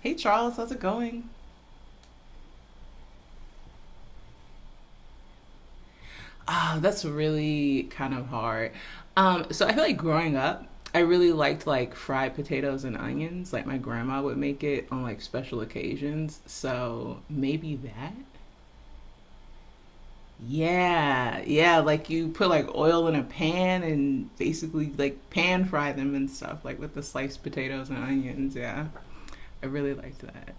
Hey Charles, how's it going? Ah, that's really kind of hard. So I feel like growing up, I really liked like fried potatoes and onions. Like my grandma would make it on like special occasions. So maybe that? Yeah, yeah, like you put like oil in a pan and basically like pan fry them and stuff, like with the sliced potatoes and onions. Yeah, I really liked that.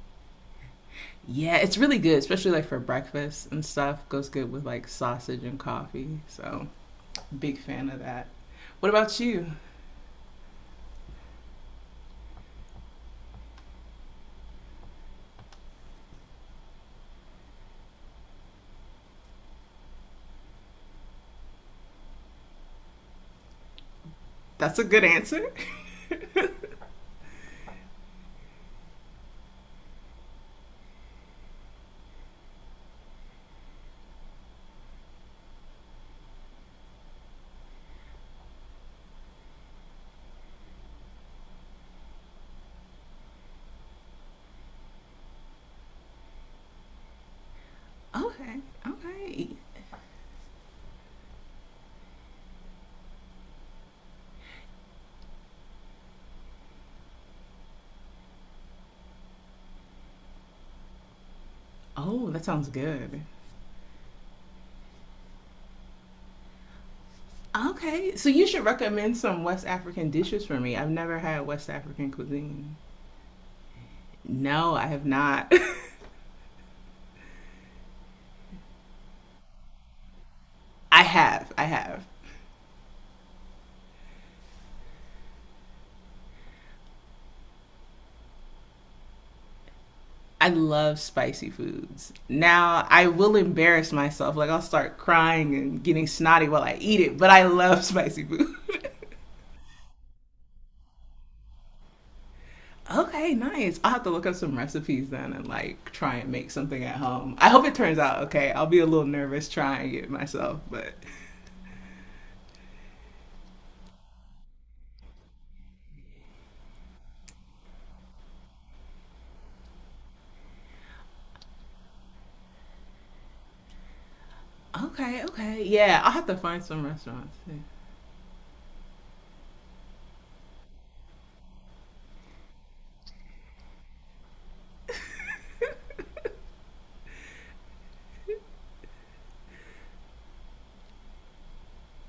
Yeah, it's really good, especially like for breakfast and stuff. Goes good with like sausage and coffee. So big fan of that. What about you? That's a good answer. Okay. Okay. Oh, that sounds good. Okay. So you should recommend some West African dishes for me. I've never had West African cuisine. No, I have not. I have. I have. I love spicy foods. Now, I will embarrass myself. Like, I'll start crying and getting snotty while I eat it, but I love spicy food. Okay, nice. I'll have to look up some recipes then and like try and make something at home. I hope it turns out okay. I'll be a little nervous trying it myself, but okay, okay. Yeah, I'll have to find some restaurants. Yeah.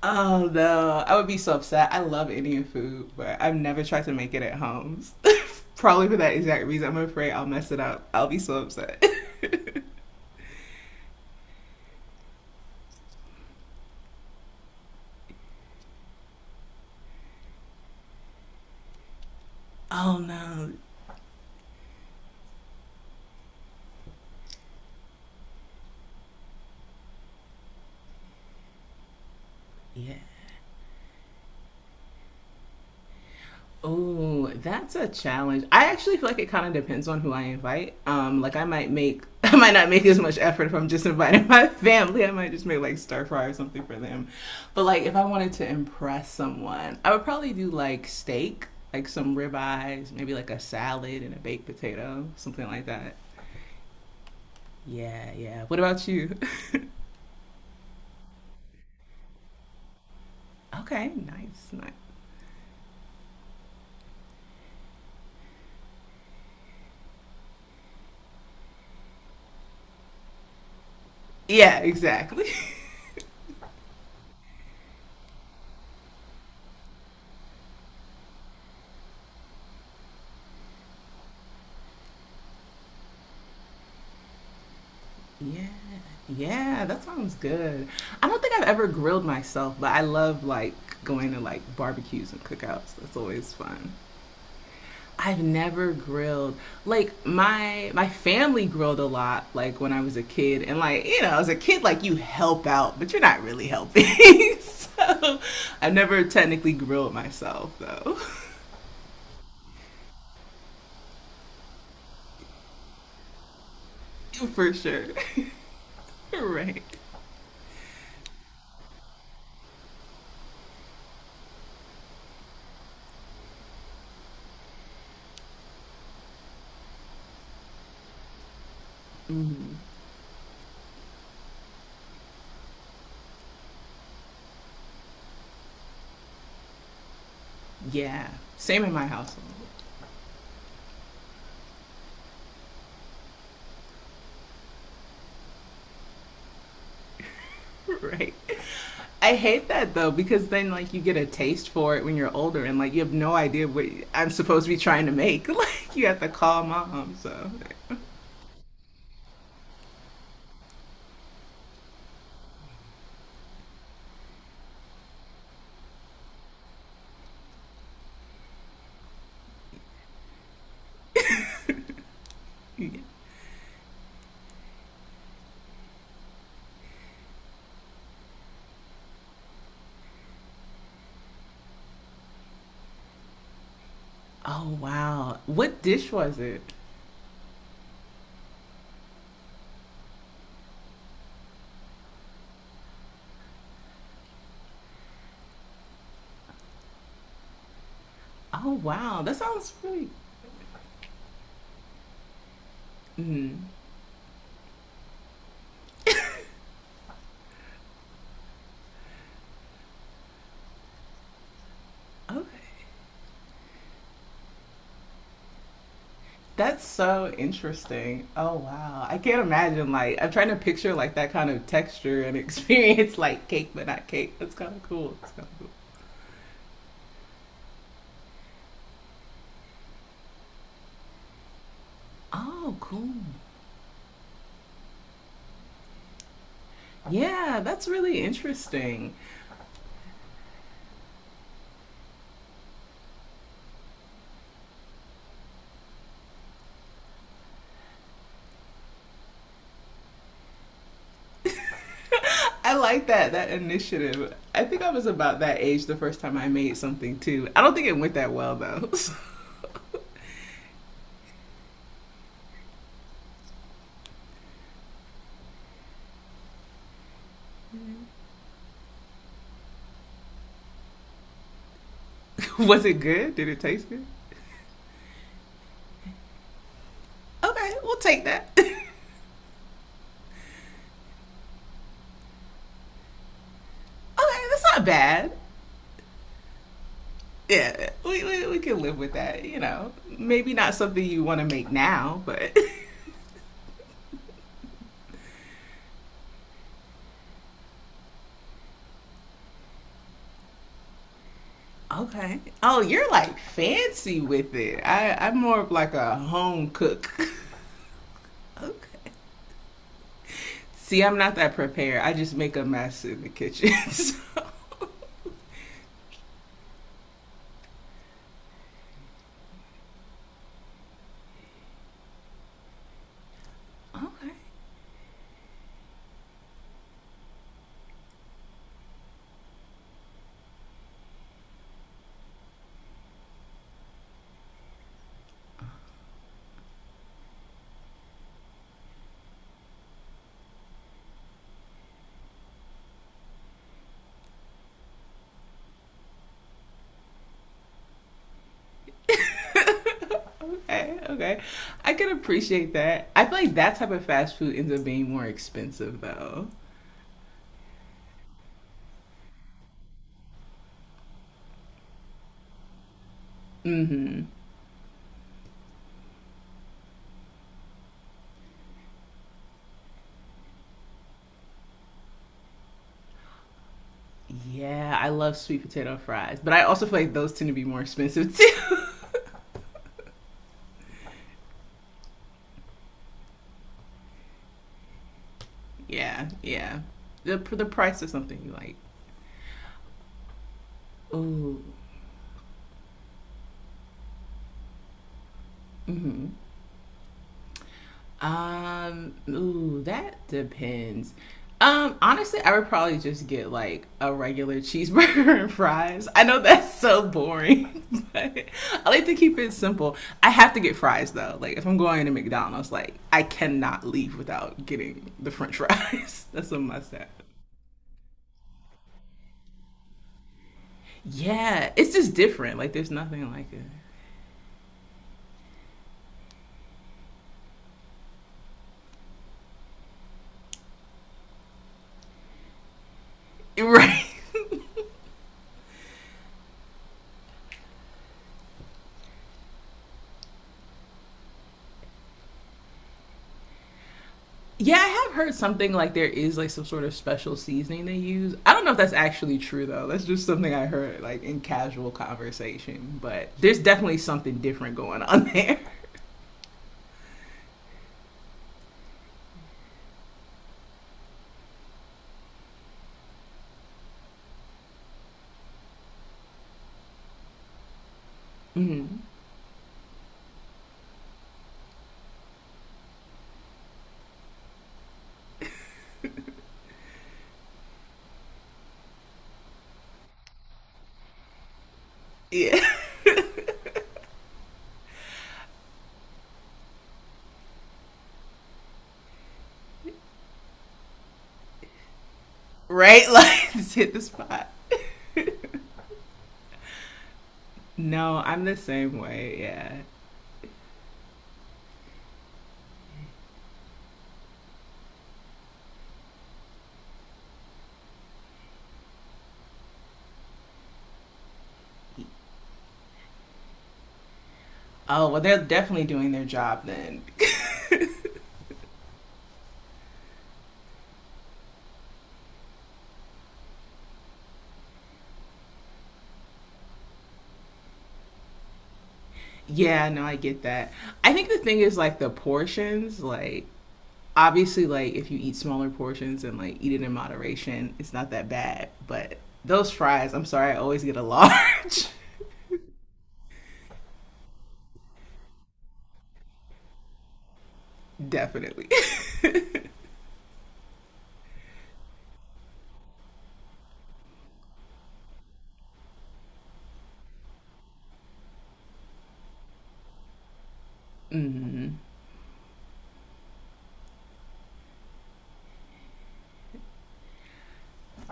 Oh no, I would be so upset. I love Indian food, but I've never tried to make it at home. Probably for that exact reason. I'm afraid I'll mess it up. I'll be so upset. Oh no. Yeah. Oh, that's a challenge. I actually feel like it kind of depends on who I invite. Like I might make, I might not make as much effort if I'm just inviting my family. I might just make like stir fry or something for them. But like if I wanted to impress someone, I would probably do like steak, like some ribeyes, maybe like a salad and a baked potato, something like that. Yeah, yeah. What about you? Okay, nice, nice. Yeah, exactly. Yeah, yeah, that sounds good. I don't think I've ever grilled myself, but I love like going to like barbecues and cookouts. That's always fun. I've never grilled. Like my family grilled a lot like when I was a kid and like, you know, as a kid like you help out, but you're not really helping. So, I've never technically grilled myself though. For sure. Right. Mhm. Yeah. Same in my household. Right. I hate that though because then like you get a taste for it when you're older and like you have no idea what I'm supposed to be trying to make. Like you have to call mom. So, oh wow, what dish was it? Oh wow, that sounds really. Mm, okay, that's so interesting. Oh wow, I can't imagine like I'm trying to picture like that kind of texture and experience like cake but not cake. That's kind of cool. That's kind of cool. Oh cool. Yeah, that's really interesting. I like that that initiative. I think I was about that age the first time I made something too. I don't think it went that well though. So. Was it good? Did it taste good? Okay, we'll take that. Okay, that's not bad. Yeah, we we can live with that. You know, maybe not something you want to make now, but okay. Oh, you're like fancy with it. I'm more of like a home cook. Okay. See, I'm not that prepared. I just make a mess in the kitchen. So. Okay. Okay, okay. I can appreciate that. I feel like that type of fast food ends up being more expensive though. Mm-hmm. Yeah, I love sweet potato fries, but I also feel like those tend to be more expensive too. Yeah, yeah. The price of something you like. Ooh, um, ooh, that depends. Honestly, I would probably just get like a regular cheeseburger and fries. I know that's so boring, but I like to keep it simple. I have to get fries though. Like if I'm going to McDonald's, like I cannot leave without getting the French fries. That's a must have. Yeah, it's just different. Like there's nothing like it. Right. Yeah, I have heard something like there is like some sort of special seasoning they use. I don't know if that's actually true though. That's just something I heard like in casual conversation. But there's definitely something different going on there. Mm-hmm. Yeah, right. Like just hit the spot. No, I'm the same way. Yeah. Oh well, they're definitely doing their job then. Yeah, no, I get that. I think the thing is like the portions, like obviously like if you eat smaller portions and like eat it in moderation, it's not that bad. But those fries, I'm sorry, I always get a large. Definitely. Mm.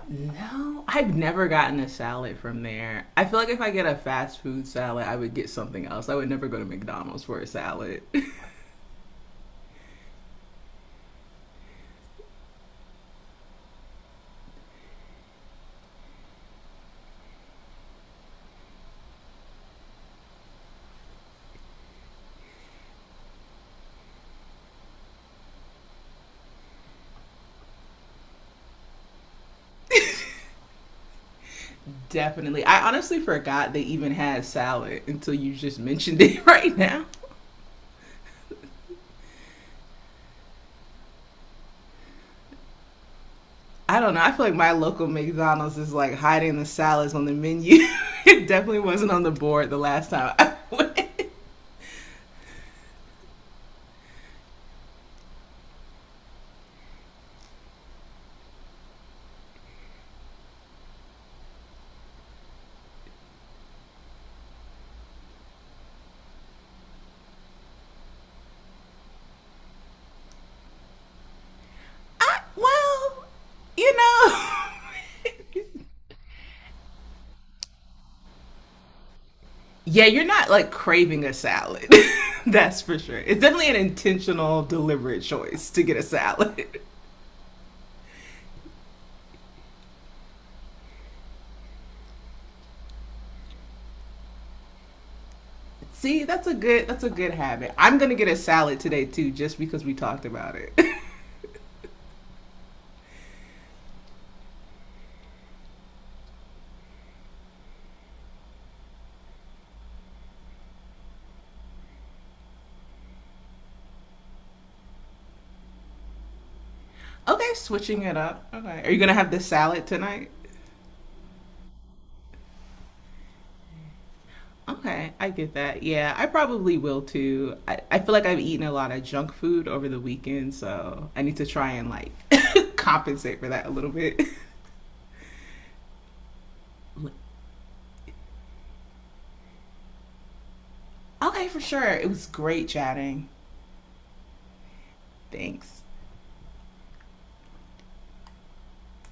No, I've never gotten a salad from there. I feel like if I get a fast food salad, I would get something else. I would never go to McDonald's for a salad. Definitely. I honestly forgot they even had salad until you just mentioned it right now. I don't know. I feel like my local McDonald's is like hiding the salads on the menu. It definitely wasn't on the board the last time. I, well, you know. Yeah, you're not like craving a salad. That's for sure. It's definitely an intentional, deliberate choice to get a salad. See, that's a good habit. I'm gonna get a salad today too, just because we talked about it. Okay, switching it up. Okay, are you gonna have the salad tonight? Okay, I get that. Yeah, I probably will too. I feel like I've eaten a lot of junk food over the weekend, so I need to try and like compensate for that a little bit. Okay, for sure. It was great chatting. Thanks.